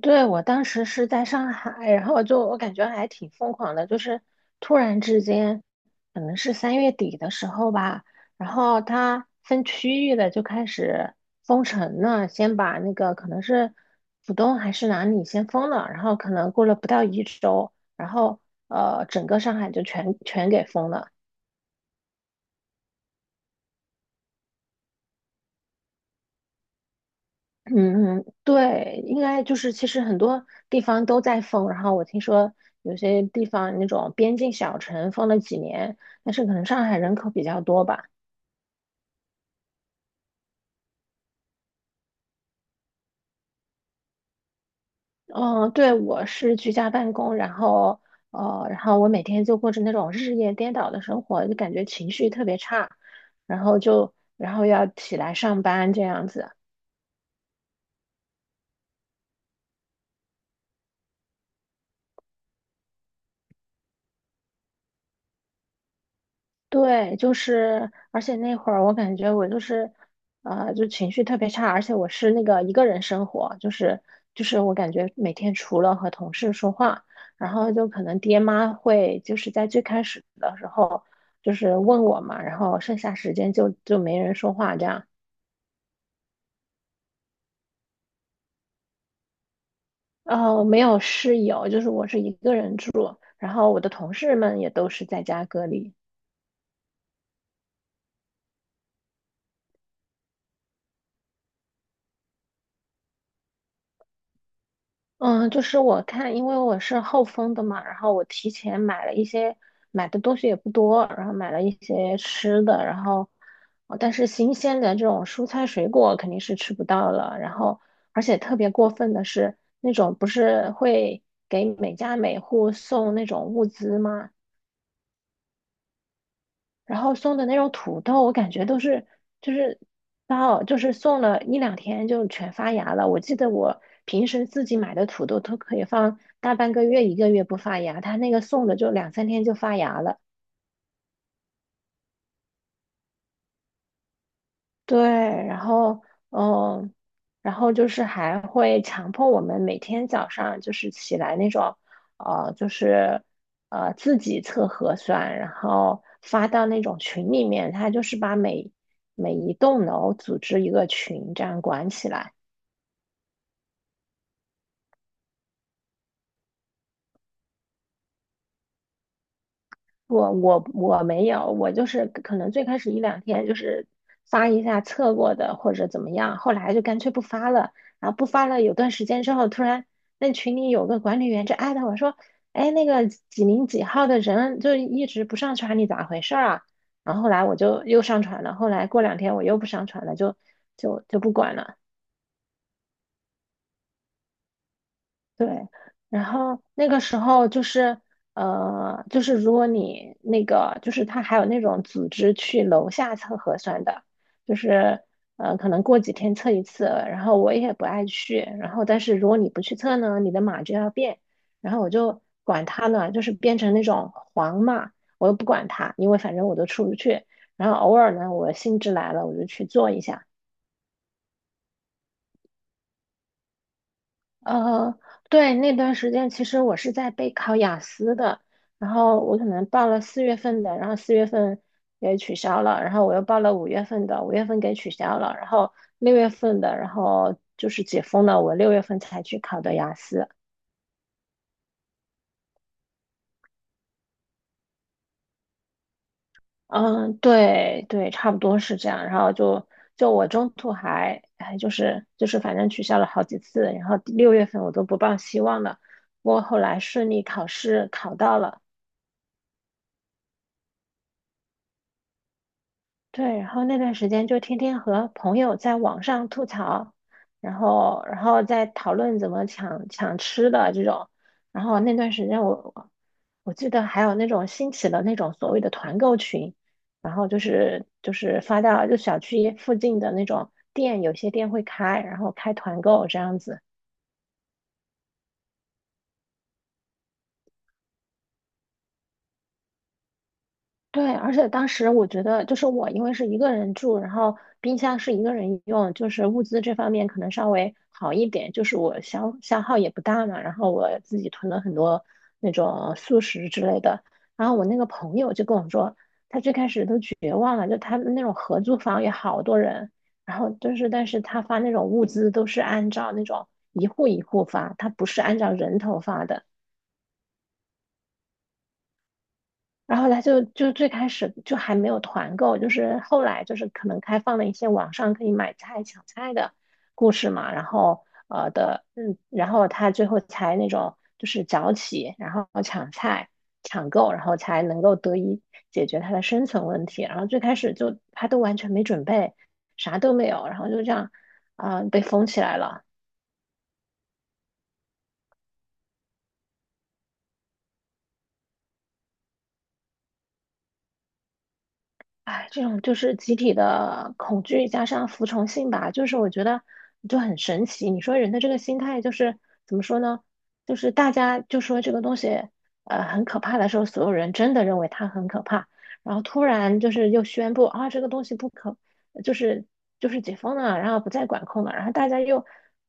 对，我当时是在上海，然后就我感觉还挺疯狂的，就是突然之间，可能是3月底的时候吧，然后它分区域的就开始封城了，先把那个可能是浦东还是哪里先封了，然后可能过了不到一周，然后整个上海就全给封了。嗯，对，应该就是其实很多地方都在封，然后我听说有些地方那种边境小城封了几年，但是可能上海人口比较多吧。嗯，对，我是居家办公，然后然后我每天就过着那种日夜颠倒的生活，就感觉情绪特别差，然后就然后要起来上班这样子。对，就是，而且那会儿我感觉我就是，就情绪特别差，而且我是那个一个人生活，就是我感觉每天除了和同事说话，然后就可能爹妈会就是在最开始的时候就是问我嘛，然后剩下时间就没人说话这样，哦没有室友，就是我是一个人住，然后我的同事们也都是在家隔离。嗯，就是我看，因为我是后封的嘛，然后我提前买了一些，买的东西也不多，然后买了一些吃的，然后，哦但是新鲜的这种蔬菜水果肯定是吃不到了，然后，而且特别过分的是，那种不是会给每家每户送那种物资吗？然后送的那种土豆，我感觉都是就是到就是送了一两天就全发芽了。我记得我平时自己买的土豆都可以放大半个月、一个月不发芽，他那个送的就两三天就发芽了。对，然后嗯，就是还会强迫我们每天早上就是起来那种，就是自己测核酸，然后发到那种群里面，他就是把每一栋楼组织一个群这样管起来。我没有，我就是可能最开始一两天就是发一下测过的或者怎么样，后来就干脆不发了。然后不发了有段时间之后，突然那群里有个管理员就艾特我说："哎，那个几零几号的人就一直不上传，你咋回事儿啊？"然后后来我就又上传了，后来过两天我又不上传了，就不管了。然后那个时候就是，就是如果你那个，就是他还有那种组织去楼下测核酸的，就是，可能过几天测一次。然后我也不爱去，然后但是如果你不去测呢，你的码就要变。然后我就管他呢，就是变成那种黄码，我又不管他，因为反正我都出不去。然后偶尔呢，我兴致来了，我就去做一下。呃，对，那段时间其实我是在备考雅思的，然后我可能报了四月份的，然后四月份也取消了，然后我又报了五月份的，五月份给取消了，然后六月份的，然后就是解封了，我六月份才去考的雅思。嗯，对对，差不多是这样。然后我中途还哎，就是反正取消了好几次，然后六月份我都不抱希望了，不过后来顺利考试考到了。对，然后那段时间就天天和朋友在网上吐槽，然后再讨论怎么抢吃的这种，然后那段时间我记得还有那种兴起的那种所谓的团购群，然后就是发到就小区附近的那种店，有些店会开，然后开团购这样子。对，而且当时我觉得，就是我因为是一个人住，然后冰箱是一个人用，就是物资这方面可能稍微好一点，就是我消耗也不大嘛。然后我自己囤了很多那种速食之类的。然后我那个朋友就跟我说，他最开始都绝望了，就他们那种合租房有好多人，然后就是，但是他发那种物资都是按照那种一户一户发，他不是按照人头发的。然后他最开始就还没有团购，就是后来就是可能开放了一些网上可以买菜抢菜的故事嘛，然后呃的嗯，然后他最后才那种就是早起，然后抢菜抢购，然后才能够得以解决他的生存问题。然后最开始就他都完全没准备，啥都没有，然后就这样被封起来了。哎，这种就是集体的恐惧加上服从性吧，就是我觉得就很神奇。你说人的这个心态就是怎么说呢？就是大家就说这个东西很可怕的时候，所有人真的认为它很可怕，然后突然就是又宣布啊这个东西不可就是就是解封了，然后不再管控了，然后大家又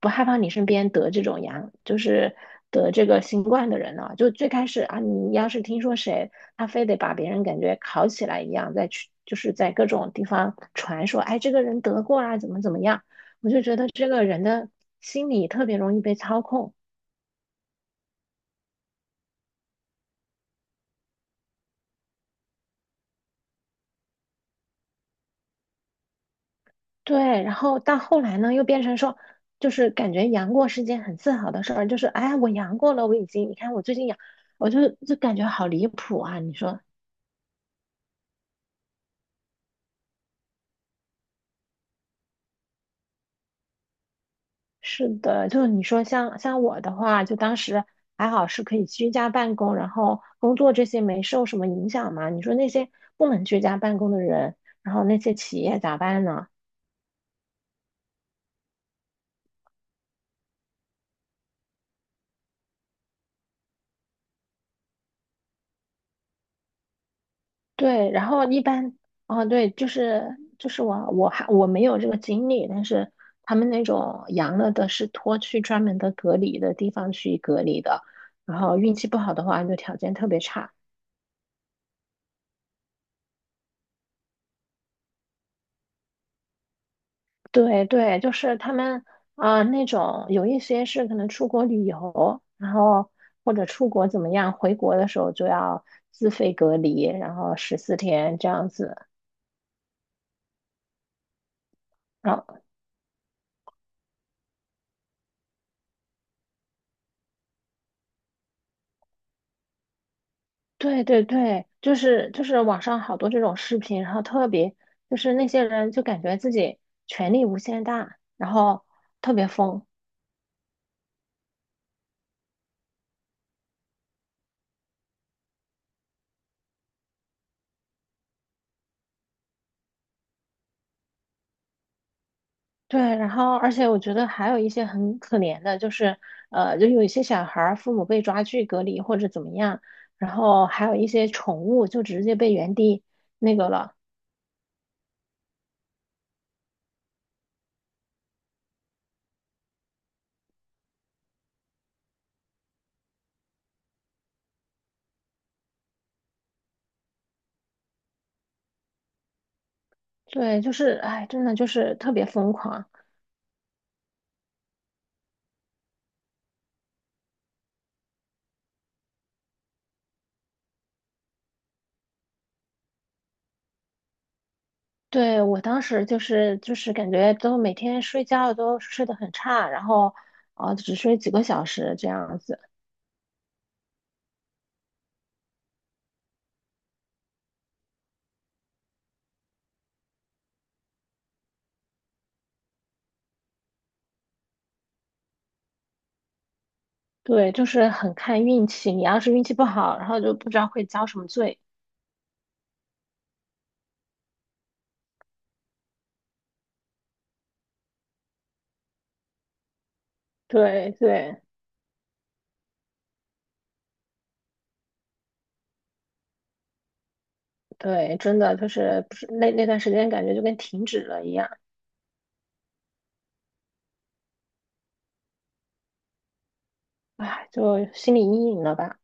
不害怕你身边得这种阳，就是得这个新冠的人了。就最开始啊，你要是听说谁，他非得把别人感觉烤起来一样，再去就是在各种地方传说，哎，这个人得过啊，怎么怎么样，我就觉得这个人的心理特别容易被操控。对，然后到后来呢，又变成说，就是感觉阳过是件很自豪的事儿，就是哎，我阳过了，我已经，你看我最近阳，我就感觉好离谱啊！你说是的，就你说像我的话，就当时还好是可以居家办公，然后工作这些没受什么影响嘛。你说那些不能居家办公的人，然后那些企业咋办呢？对，然后一般，哦，对，就是我没有这个经历，但是他们那种阳了的是拖去专门的隔离的地方去隔离的，然后运气不好的话就条件特别差。对对，就是他们那种有一些是可能出国旅游，然后或者出国怎么样，回国的时候就要自费隔离，然后14天这样子。对对对，就是网上好多这种视频，然后特别就是那些人就感觉自己权力无限大，然后特别疯。对，然后而且我觉得还有一些很可怜的，就是就有一些小孩儿父母被抓去隔离或者怎么样，然后还有一些宠物就直接被原地那个了。对，就是哎，真的就是特别疯狂。对，我当时就是感觉都每天睡觉都睡得很差，然后只睡几个小时这样子。对，就是很看运气，你要是运气不好，然后就不知道会遭什么罪。对对对，真的就是不是那那段时间感觉就跟停止了一样，哎，就心理阴影了吧。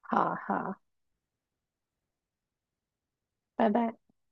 好好，拜拜。